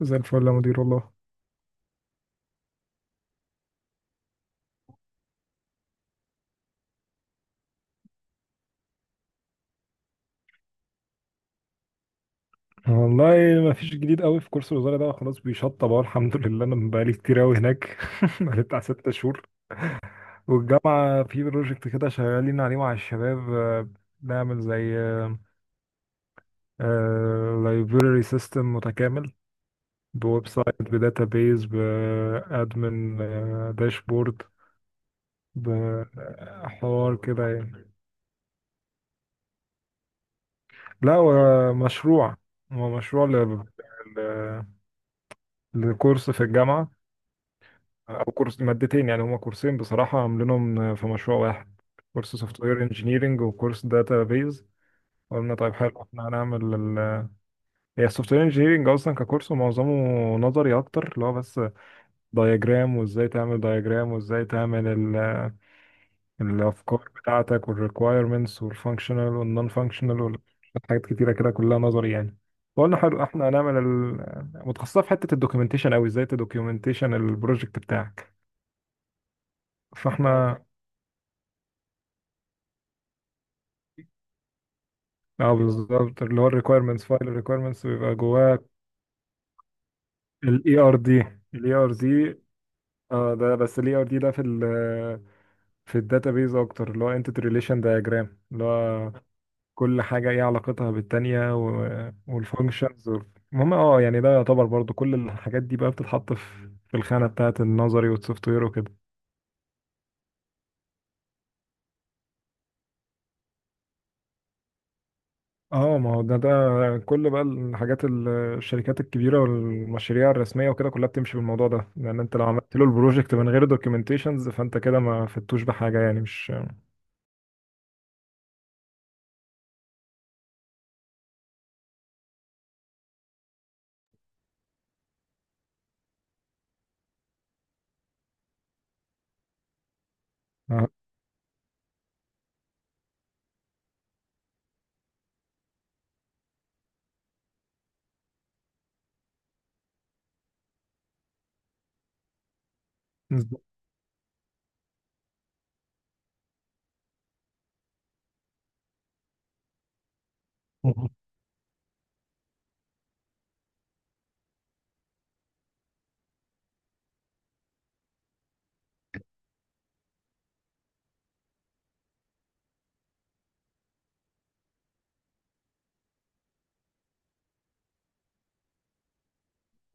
زي الفل يا مدير، والله ما فيش جديد قوي في كورس الوزارة ده، خلاص بيشطب اهو الحمد لله. انا بقالي كتير قوي هناك بقالي بتاع 6 شهور. والجامعة في بروجكت كده شغالين عليه مع الشباب، بنعمل زي لايبراري سيستم متكامل بويب سايت بداتابيز بادمن داشبورد، بحوار كده يعني. لا، هو مشروع، هو مشروع ل- ل- لكورس في الجامعة، او كورس مادتين، يعني هما كورسين بصراحه عاملينهم في مشروع واحد، كورس سوفت وير انجينيرنج وكورس داتا بيز. قلنا طيب حلو، احنا هنعمل هي السوفت وير انجينيرنج اصلا ككورس معظمه نظري اكتر، اللي هو بس دايجرام، وازاي تعمل دايجرام، وازاي تعمل الافكار بتاعتك والريكوايرمنتس والفانكشنال والنون فانكشنال حاجات كتيره كده كلها نظري يعني. قلنا حلو، احنا هنعمل متخصصه في حته الدوكيومنتيشن قوي، ازاي تدوكيومنتيشن البروجكت بتاعك. فاحنا، اه بالظبط، اللي هو الريكويرمنتس فايل، الريكويرمنتس بيبقى جواه. الاي ار دي الاي ار دي. اه ده بس الاي ار دي ده في الداتابيز اكتر، اللي هو انتيتي ريليشن دايجرام، اللي هو كل حاجه ايه علاقتها بالتانيه، والفانكشنز. المهم يعني ده يعتبر برضو، كل الحاجات دي بقى بتتحط في الخانه بتاعه النظري والسوفت وير وكده. اه، ما هو ده كل بقى الحاجات الشركات الكبيره والمشاريع الرسميه وكده، كلها بتمشي بالموضوع ده، لان انت لو عملت له البروجكت من غير دوكيومنتيشنز فانت كده ما فدتوش بحاجه يعني، مش. اه بالظبط.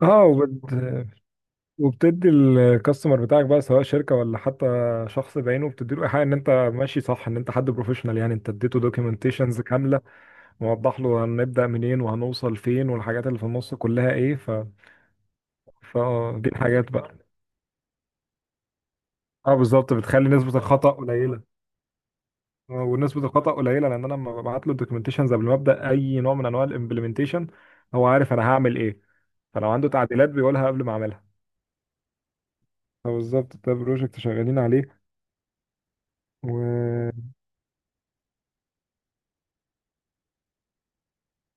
اه، وبت... وبتدي الكاستمر بتاعك بقى، سواء شركه ولا حتى شخص بعينه، بتدي له ايحاء ان انت ماشي صح، ان انت حد بروفيشنال، يعني انت اديته دوكيومنتيشنز كامله، موضح له هنبدا منين وهنوصل فين والحاجات اللي في النص كلها ايه. فدي الحاجات بقى. اه بالظبط، بتخلي نسبة الخطأ قليلة. ونسبة الخطأ قليلة، لأن أنا لما ببعت له الدوكيومنتيشنز قبل ما أبدأ أي نوع من أنواع الإمبلمنتيشن هو عارف أنا هعمل إيه، فلو عنده تعديلات بيقولها قبل ما أعملها. فبالظبط، ده بروجكت شغالين عليه وبنتعامل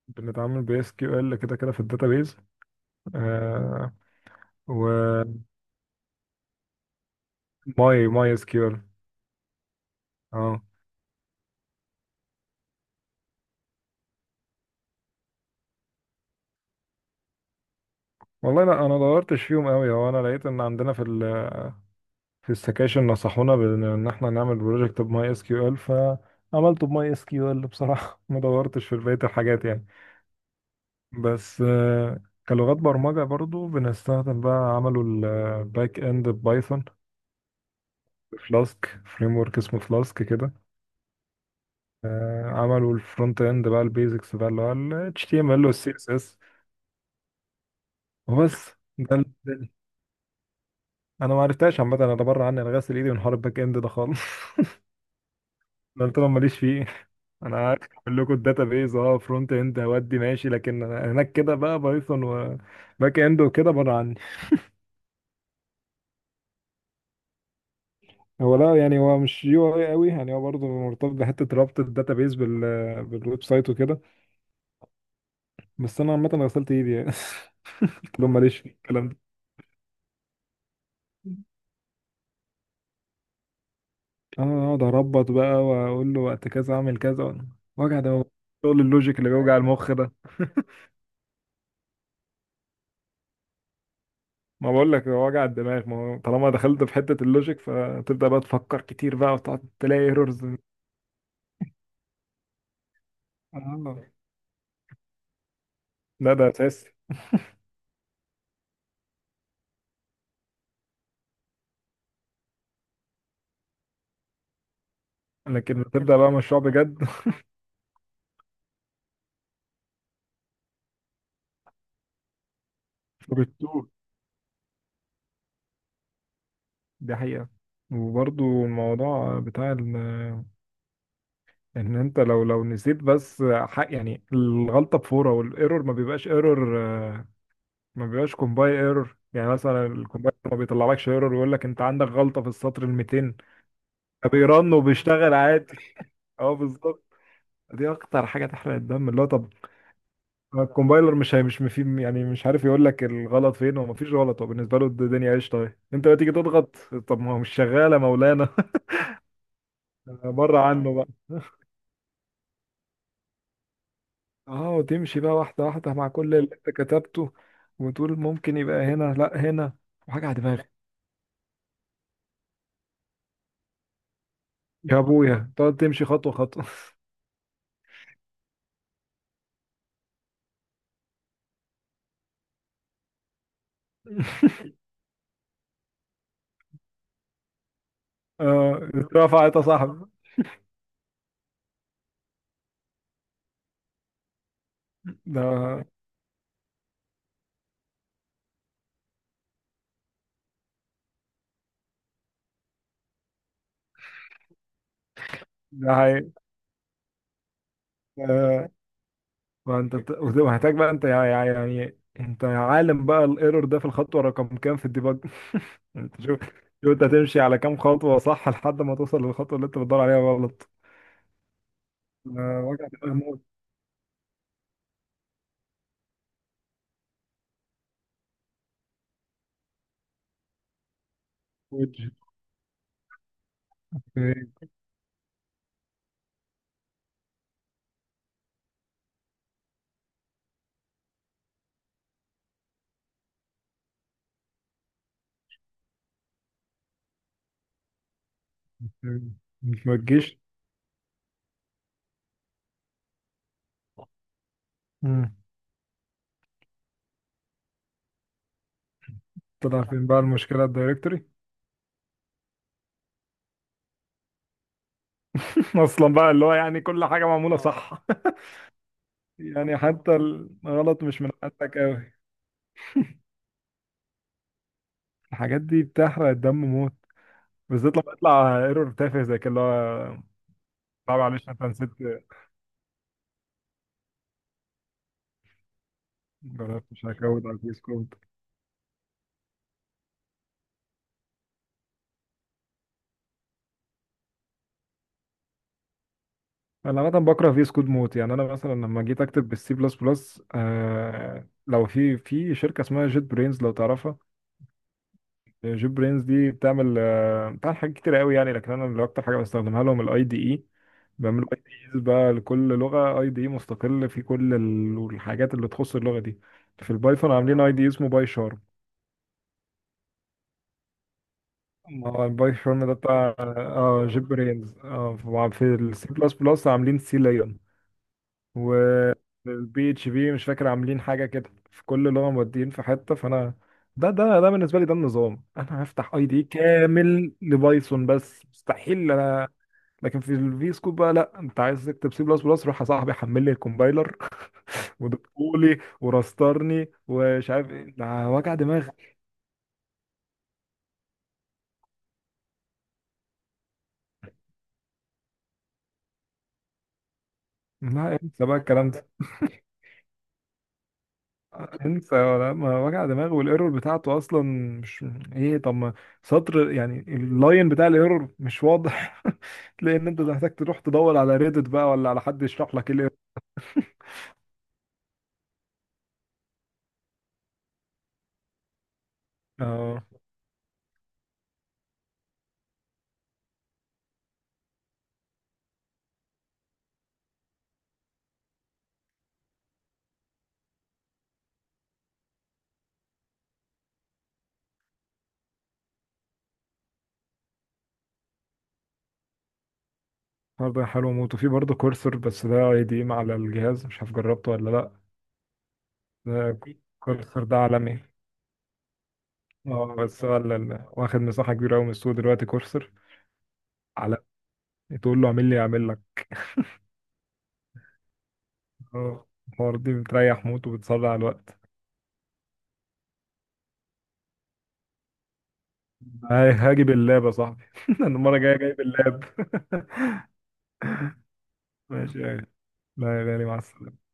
ب SQL كده كده في الداتابيز. آه، و ماي اس كيو ال. اه، والله لا، انا دورتش فيهم قوي. هو انا لقيت ان عندنا في السكاشن نصحونا إن احنا نعمل بروجكت بماي اس كيو ال، فعملته بماي اس كيو ال بصراحه ما دورتش في بقيه الحاجات يعني. بس كلغات برمجه برضو بنستخدم بقى، عملوا الباك اند بايثون، فلاسك فريم ورك اسمه فلاسك كده. عملوا الفرونت اند بقى البيزكس، بقى اللي هو ال HTML وال CSS، وبس. ده ال- ده ال- انا ما عرفتهاش عامه، انا ده بره عني، انا غاسل ايدي من حوار الباك اند ده خالص. ده قلت لهم ماليش فيه. انا عارف اقول لكم الداتا بيز، فرونت اند هودي ماشي، لكن أنا هناك كده بقى بايثون وباك اند وكده بره عني. هو لا، يعني هو مش يو اي قوي، يعني هو برضه مرتبط بحته ربط الداتا بيز بالويب سايت وكده. بس انا عامه غسلت ايدي يعني قلت لهم ماليش في الكلام ده. انا اقعد اربط بقى واقول له وقت كذا اعمل كذا. وجع ده، شغل اللوجيك اللي بيوجع المخ ده ما بقول لك، هو وجع الدماغ، ما هو طالما دخلت في حته اللوجيك فتبدا بقى تفكر كتير بقى وتقعد تلاقي ايرورز. لا، ده اساسي. لكن بتبدأ بقى مشروع بجد فبتتوه، دي حقيقة. وبرضو الموضوع بتاع ان انت لو نسيت بس حق يعني الغلطة بفورة والايرور ما بيبقاش ايرور، ما بيبقاش كومباي ايرور، يعني مثلا الكومباي ما بيطلعلكش ايرور ويقول لك انت عندك غلطة في السطر ال 200، فبيرن وبيشتغل عادي. اه بالظبط، دي اكتر حاجة تحرق الدم، اللي هو طب. الكومبايلر مش هي مش مفي يعني، مش عارف يقول لك الغلط فين، هو مفيش غلط، هو بالنسبه له الدنيا قشطه اهي. انت بقى تيجي تضغط، طب ما هو مش شغاله مولانا. بره عنه بقى اه، وتمشي بقى واحده واحده مع كل اللي انت كتبته، وتقول ممكن يبقى هنا، لا هنا. وحاجه على دماغي، يا ابويا تقعد تمشي خطوه خطوه اه اترفعت يا صاحبي. ده ده حقيقي. آه، ما انت وهتحتاج بقى انت، يعني انت عالم بقى الايرور ده في الخطوه رقم كام في الديباج. انت شوف، شوف انت هتمشي على كام خطوة صح لحد ما توصل للخطوة اللي انت بتدور عليها غلط. وجع دماغ موت. وجه. ما تجيش. مم. طلع فين بقى المشكلة، الدايركتوري؟ اصلا بقى، اللي هو يعني كل حاجة معمولة صح يعني حتى الغلط مش من عندك قوي، الحاجات دي بتحرق الدم موت، بالذات لما يطلع ايرور تافه زي كده اللي هو. لا معلش انت نسيت. مش هكود على الفيس كود، انا عامه بكره في سكود موت يعني. انا مثلا لما جيت اكتب بالسي بلس بلس، لو في شركه اسمها جيت برينز لو تعرفها. جيت برينز دي بتعمل، بتعمل حاجات كتير قوي يعني، لكن انا اللي اكتر حاجه بستخدمها لهم الاي دي اي. بعمل اي دي ايز بقى لكل لغه، اي دي اي مستقل في كل الحاجات اللي تخص اللغه دي. في البايثون عاملين اي دي اسمه باي شارم. اه الباي شارم ده بتاع جيت برينز اه. في السي بلس بلس عاملين سي ليون. البي اتش بي مش فاكر عاملين حاجه كده، في كل لغه مودين في حته. فانا ده بالنسبه لي ده النظام، انا هفتح اي دي كامل لبايثون بس، مستحيل انا. لكن في الفي سكوب بقى، لا، انت عايز تكتب سي بلس بلس روح يا صاحبي حمل لي الكومبايلر ودقولي ورسترني ومش عارف ايه، ده وجع دماغ. لا انسى بقى الكلام ده، انسى، ولا ما وجع دماغ والايرور بتاعته اصلا مش ايه، طب ما سطر يعني اللاين بتاع الايرور مش واضح تلاقي ان انت محتاج تروح تدور على ريدت بقى ولا على حد يشرح لك ايه الايرور. اه، برضه حلو موت. وفي برضه كورسر، بس ده اي دي ام على الجهاز مش عارف جربته ولا لا. ده كورسر ده عالمي. اه بس هو واخد مساحة كبيرة قوي من السوق دلوقتي كورسر، على، تقول له اعمل لي اعمل لك. اه، الحوار دي بتريح موت وبتسرع الوقت. هاجي باللاب يا صاحبي انا المره الجايه جاي باللاب ماشي يا غالي. لا يا غالي، مع السلامه.